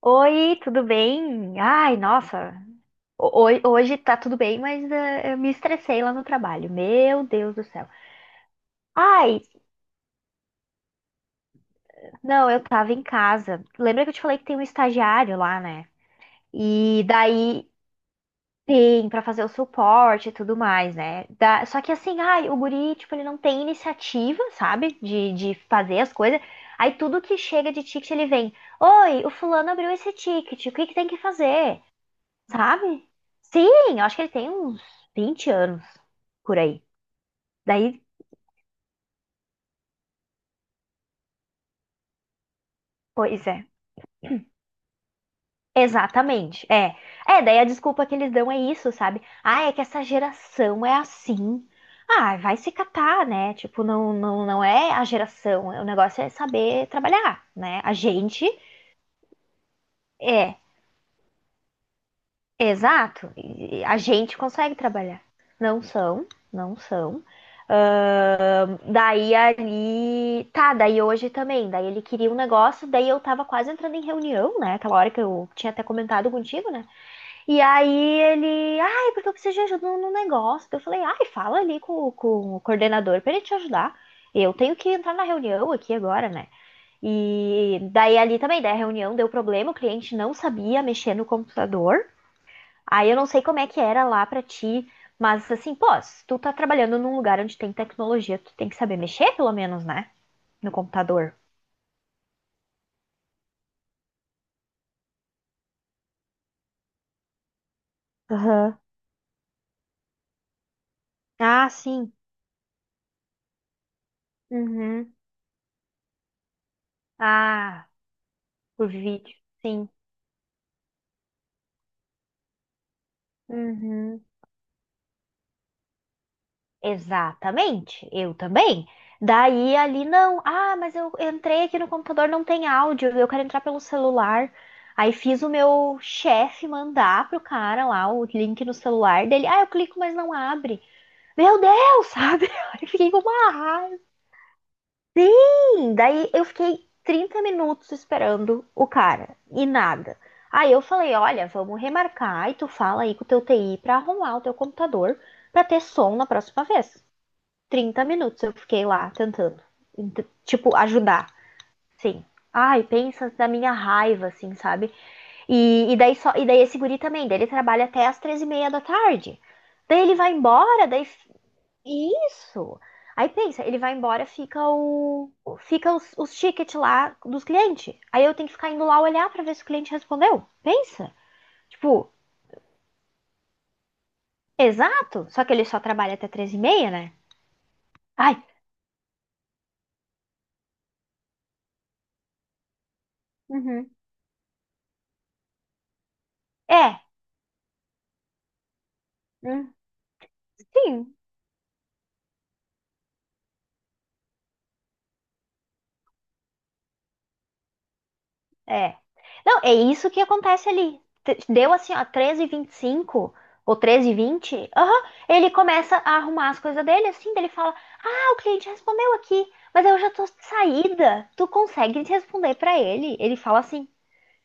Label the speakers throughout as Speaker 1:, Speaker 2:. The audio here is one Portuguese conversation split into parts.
Speaker 1: Oi, tudo bem? Ai, nossa, hoje tá tudo bem, mas eu me estressei lá no trabalho. Meu Deus do céu. Ai, não, eu tava em casa. Lembra que eu te falei que tem um estagiário lá, né? E daí tem pra fazer o suporte e tudo mais, né? Da- Só que assim, ai, o guri, tipo, ele não tem iniciativa, sabe? De fazer as coisas. Aí tudo que chega de ticket ele vem. Oi, o fulano abriu esse ticket, o que que tem que fazer? Sabe? Sim, eu acho que ele tem uns 20 anos por aí. Daí, pois é. Exatamente. É. É, daí a desculpa que eles dão é isso, sabe? Ah, é que essa geração é assim. Ah, vai se catar, né? Tipo, não, não, não é a geração. O negócio é saber trabalhar, né? A gente é. Exato. E a gente consegue trabalhar. Não são, não são. Daí ali. Tá, daí hoje também. Daí ele queria um negócio, daí eu tava quase entrando em reunião, né? Aquela hora que eu tinha até comentado contigo, né? E aí ele. Ai, porque eu preciso de ajuda no negócio. Daí eu falei, ai, fala ali com o coordenador pra ele te ajudar. Eu tenho que entrar na reunião aqui agora, né? E daí ali também, daí a reunião deu problema, o cliente não sabia mexer no computador. Aí eu não sei como é que era lá pra ti, mas assim, pô, se tu tá trabalhando num lugar onde tem tecnologia, tu tem que saber mexer, pelo menos, né? No computador. Aham. Ah, sim. Uhum. Ah, por vídeo. Sim. Uhum. Exatamente. Eu também. Daí ali não. Ah, mas eu entrei aqui no computador, não tem áudio. Eu quero entrar pelo celular. Aí fiz o meu chefe mandar pro cara lá o link no celular dele. Ah, eu clico, mas não abre. Meu Deus, sabe? Eu fiquei com uma raiva. Sim, daí eu fiquei 30 minutos esperando o cara e nada. Aí eu falei, olha, vamos remarcar e tu fala aí com o teu TI pra arrumar o teu computador pra ter som na próxima vez. 30 minutos eu fiquei lá tentando, tipo, ajudar. Sim. Ai, pensa na minha raiva, assim, sabe? E daí esse guri também, daí ele trabalha até as 13h30 da tarde. Daí ele vai embora, daí Isso. Aí pensa, ele vai embora, fica os tickets lá dos clientes. Aí eu tenho que ficar indo lá olhar pra ver se o cliente respondeu. Pensa. Tipo, exato, só que ele só trabalha até 15h30, né? Ai, uhum. É, hum, sim, é. Não, é isso que acontece ali. T- Deu assim, ó, 13h25 ou 13h20. Aham, ele começa a arrumar as coisas dele, assim, daí ele fala, o cliente respondeu aqui, mas eu já tô de saída. Tu consegue responder pra ele? Ele fala assim: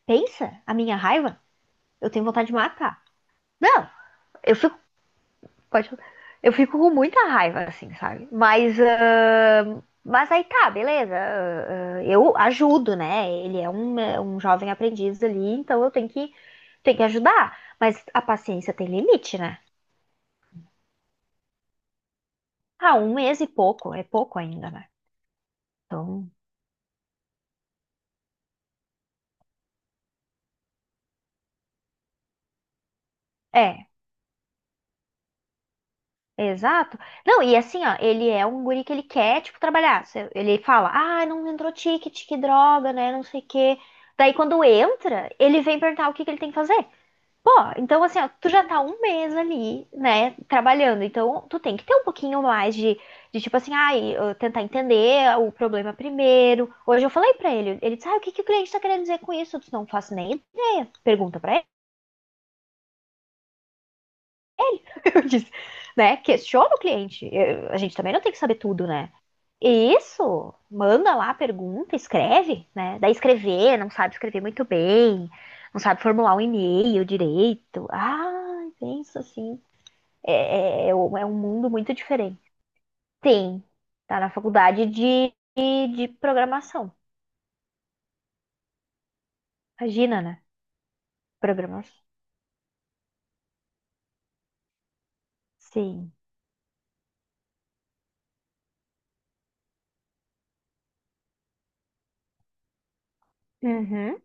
Speaker 1: pensa, a minha raiva, eu tenho vontade de matar. Não, eu fico. Pode, eu fico com muita raiva, assim, sabe? Mas. Ah, mas aí tá, beleza. Ah, ah, eu ajudo, né? Ele é um jovem aprendiz ali, então eu tenho que ajudar. Mas a paciência tem limite, né? Ah, um mês e pouco, é pouco ainda, né? Então. É, exato. Não, e assim, ó, ele é um guri que ele quer, tipo, trabalhar. Se- Ele fala, ah, não entrou ticket, que droga, né, não sei o quê. Daí, quando entra, ele vem perguntar o que que ele tem que fazer. Pô, então, assim, ó, tu já tá um mês ali, né, trabalhando. Então, tu tem que ter um pouquinho mais de, tipo assim, ai, eu tentar entender o problema primeiro. Hoje eu falei pra ele, ele disse, ah, o que que o cliente tá querendo dizer com isso? Eu disse, não faço nem ideia. Pergunta pra eu disse, né? Questiona o cliente. Eu- a gente também não tem que saber tudo, né? E isso, manda lá a pergunta, escreve, né? Daí escrever, não sabe escrever muito bem, não sabe formular um e-mail direito. Ai, pensa assim. É, um um mundo muito diferente. Tem, tá na faculdade de, de programação. Imagina, né? Programação. Sim. Uhum.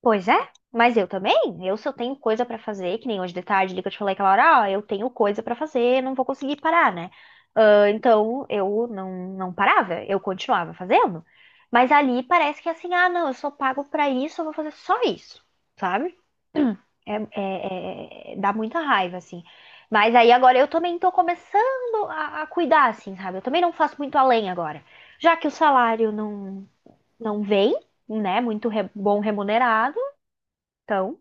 Speaker 1: Pois é, mas eu também. Eu, se eu tenho coisa pra fazer, que nem hoje de tarde ali que eu te falei aquela hora, ó, eu tenho coisa pra fazer, não vou conseguir parar, né? Ah, então eu não parava, eu continuava fazendo. Mas ali parece que é assim, ah, não, eu sou pago pra isso, eu vou fazer só isso, sabe? É, é- é- dá muita raiva, assim. Mas aí agora eu também tô começando a cuidar, assim, sabe? Eu também não faço muito além agora. Já que o salário não, não vem, né? Muito re- bom remunerado, então.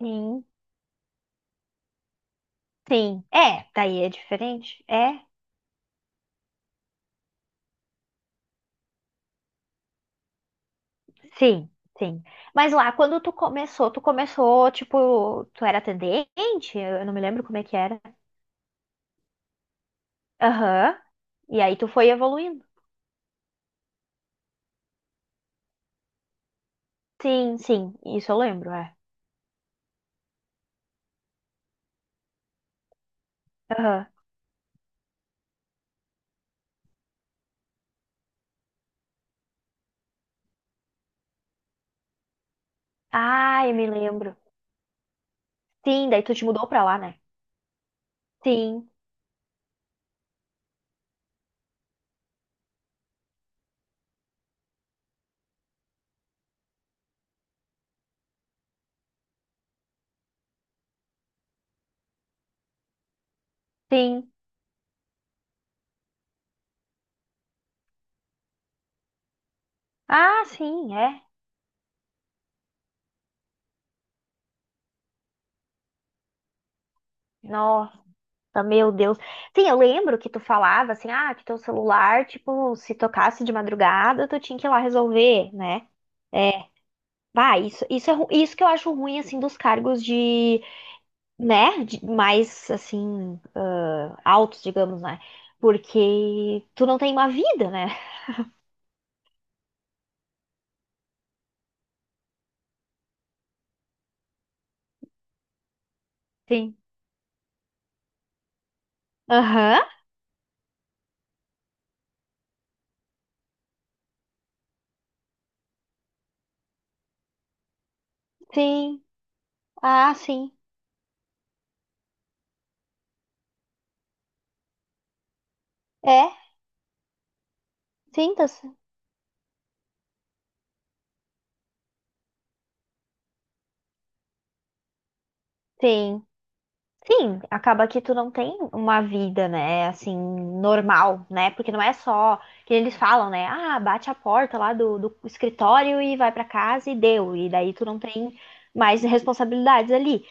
Speaker 1: Sim, sim. É, daí é diferente. É, sim, sim. Mas lá, quando tu começou, tipo, tu era atendente? Eu não me lembro como é que era. Aham. E aí tu foi evoluindo. Sim, sim, isso eu lembro, é. Aham. Ah, eu me lembro. Sim, daí tu te mudou pra lá, né? Sim, sim. Ah, sim, é. Nossa, meu Deus. Sim, eu lembro que tu falava assim, ah, que teu celular, tipo, se tocasse de madrugada, tu tinha que ir lá resolver, né? É, vai, isso é ru- isso que eu acho ruim, assim, dos cargos de, né, de- mais, assim, ah, altos, digamos, né? Porque tu não tem uma vida, né? Sim. Aham, sim. Ah, sim. É, sim, tá, c- sim. Sim, acaba que tu não tem uma vida, né, assim, normal, né? Porque não é só que eles falam, né? Ah, bate a porta lá do, do escritório e vai pra casa e deu. E daí tu não tem mais responsabilidades ali.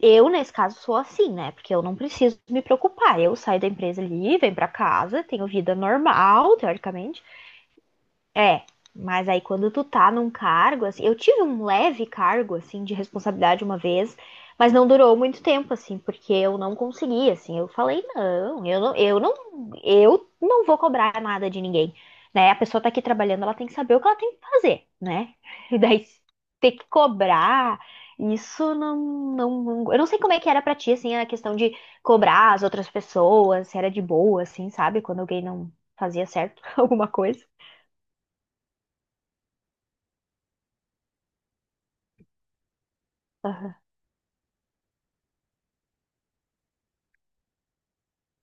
Speaker 1: Eu, nesse caso, sou assim, né? Porque eu não preciso me preocupar. Eu saio da empresa ali, venho pra casa, tenho vida normal, teoricamente. É, mas aí quando tu tá num cargo, assim, eu tive um leve cargo, assim, de responsabilidade uma vez, mas não durou muito tempo, assim, porque eu não consegui, assim, eu falei, não, eu não vou cobrar nada de ninguém, né? A pessoa tá aqui trabalhando, ela tem que saber o que ela tem que fazer, né? E daí ter que cobrar, isso eu não sei como é que era pra ti, assim, a questão de cobrar as outras pessoas, se era de boa, assim, sabe? Quando alguém não fazia certo alguma coisa.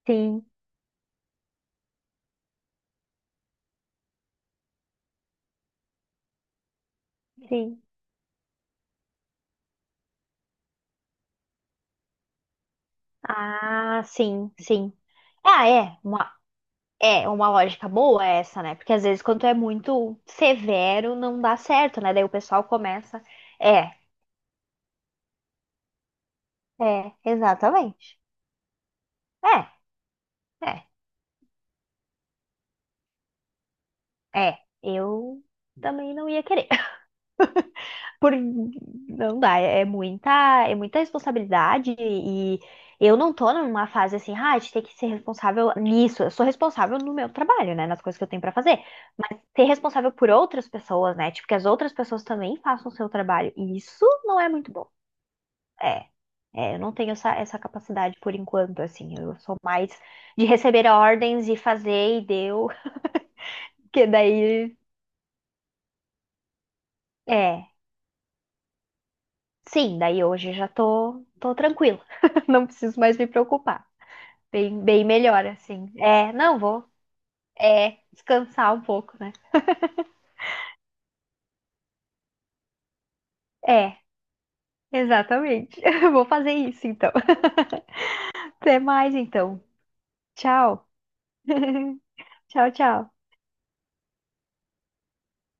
Speaker 1: Sim, sim. Ah, sim, sim. Ah, é. Uma, é uma lógica boa essa, né? Porque às vezes quando é muito severo, não dá certo, né? Daí o pessoal começa. É, é, exatamente. É, é, Eu também não ia querer. Por... Não dá, é muita responsabilidade e eu não tô numa fase assim, ah, a gente tem que ser responsável nisso. Eu sou responsável no meu trabalho, né, nas coisas que eu tenho pra fazer, mas ser responsável por outras pessoas, né, tipo que as outras pessoas também façam o seu trabalho. E isso não é muito bom. É. É, eu não tenho essa capacidade por enquanto, assim, eu sou mais de receber ordens e fazer e deu, que daí, é. Sim, daí hoje já tô tranquila. Não preciso mais me preocupar. Bem, bem melhor, assim. É, não vou. É, descansar um pouco, né? É, exatamente. Vou fazer isso, então. Até mais, então. Tchau. Tchau, tchau.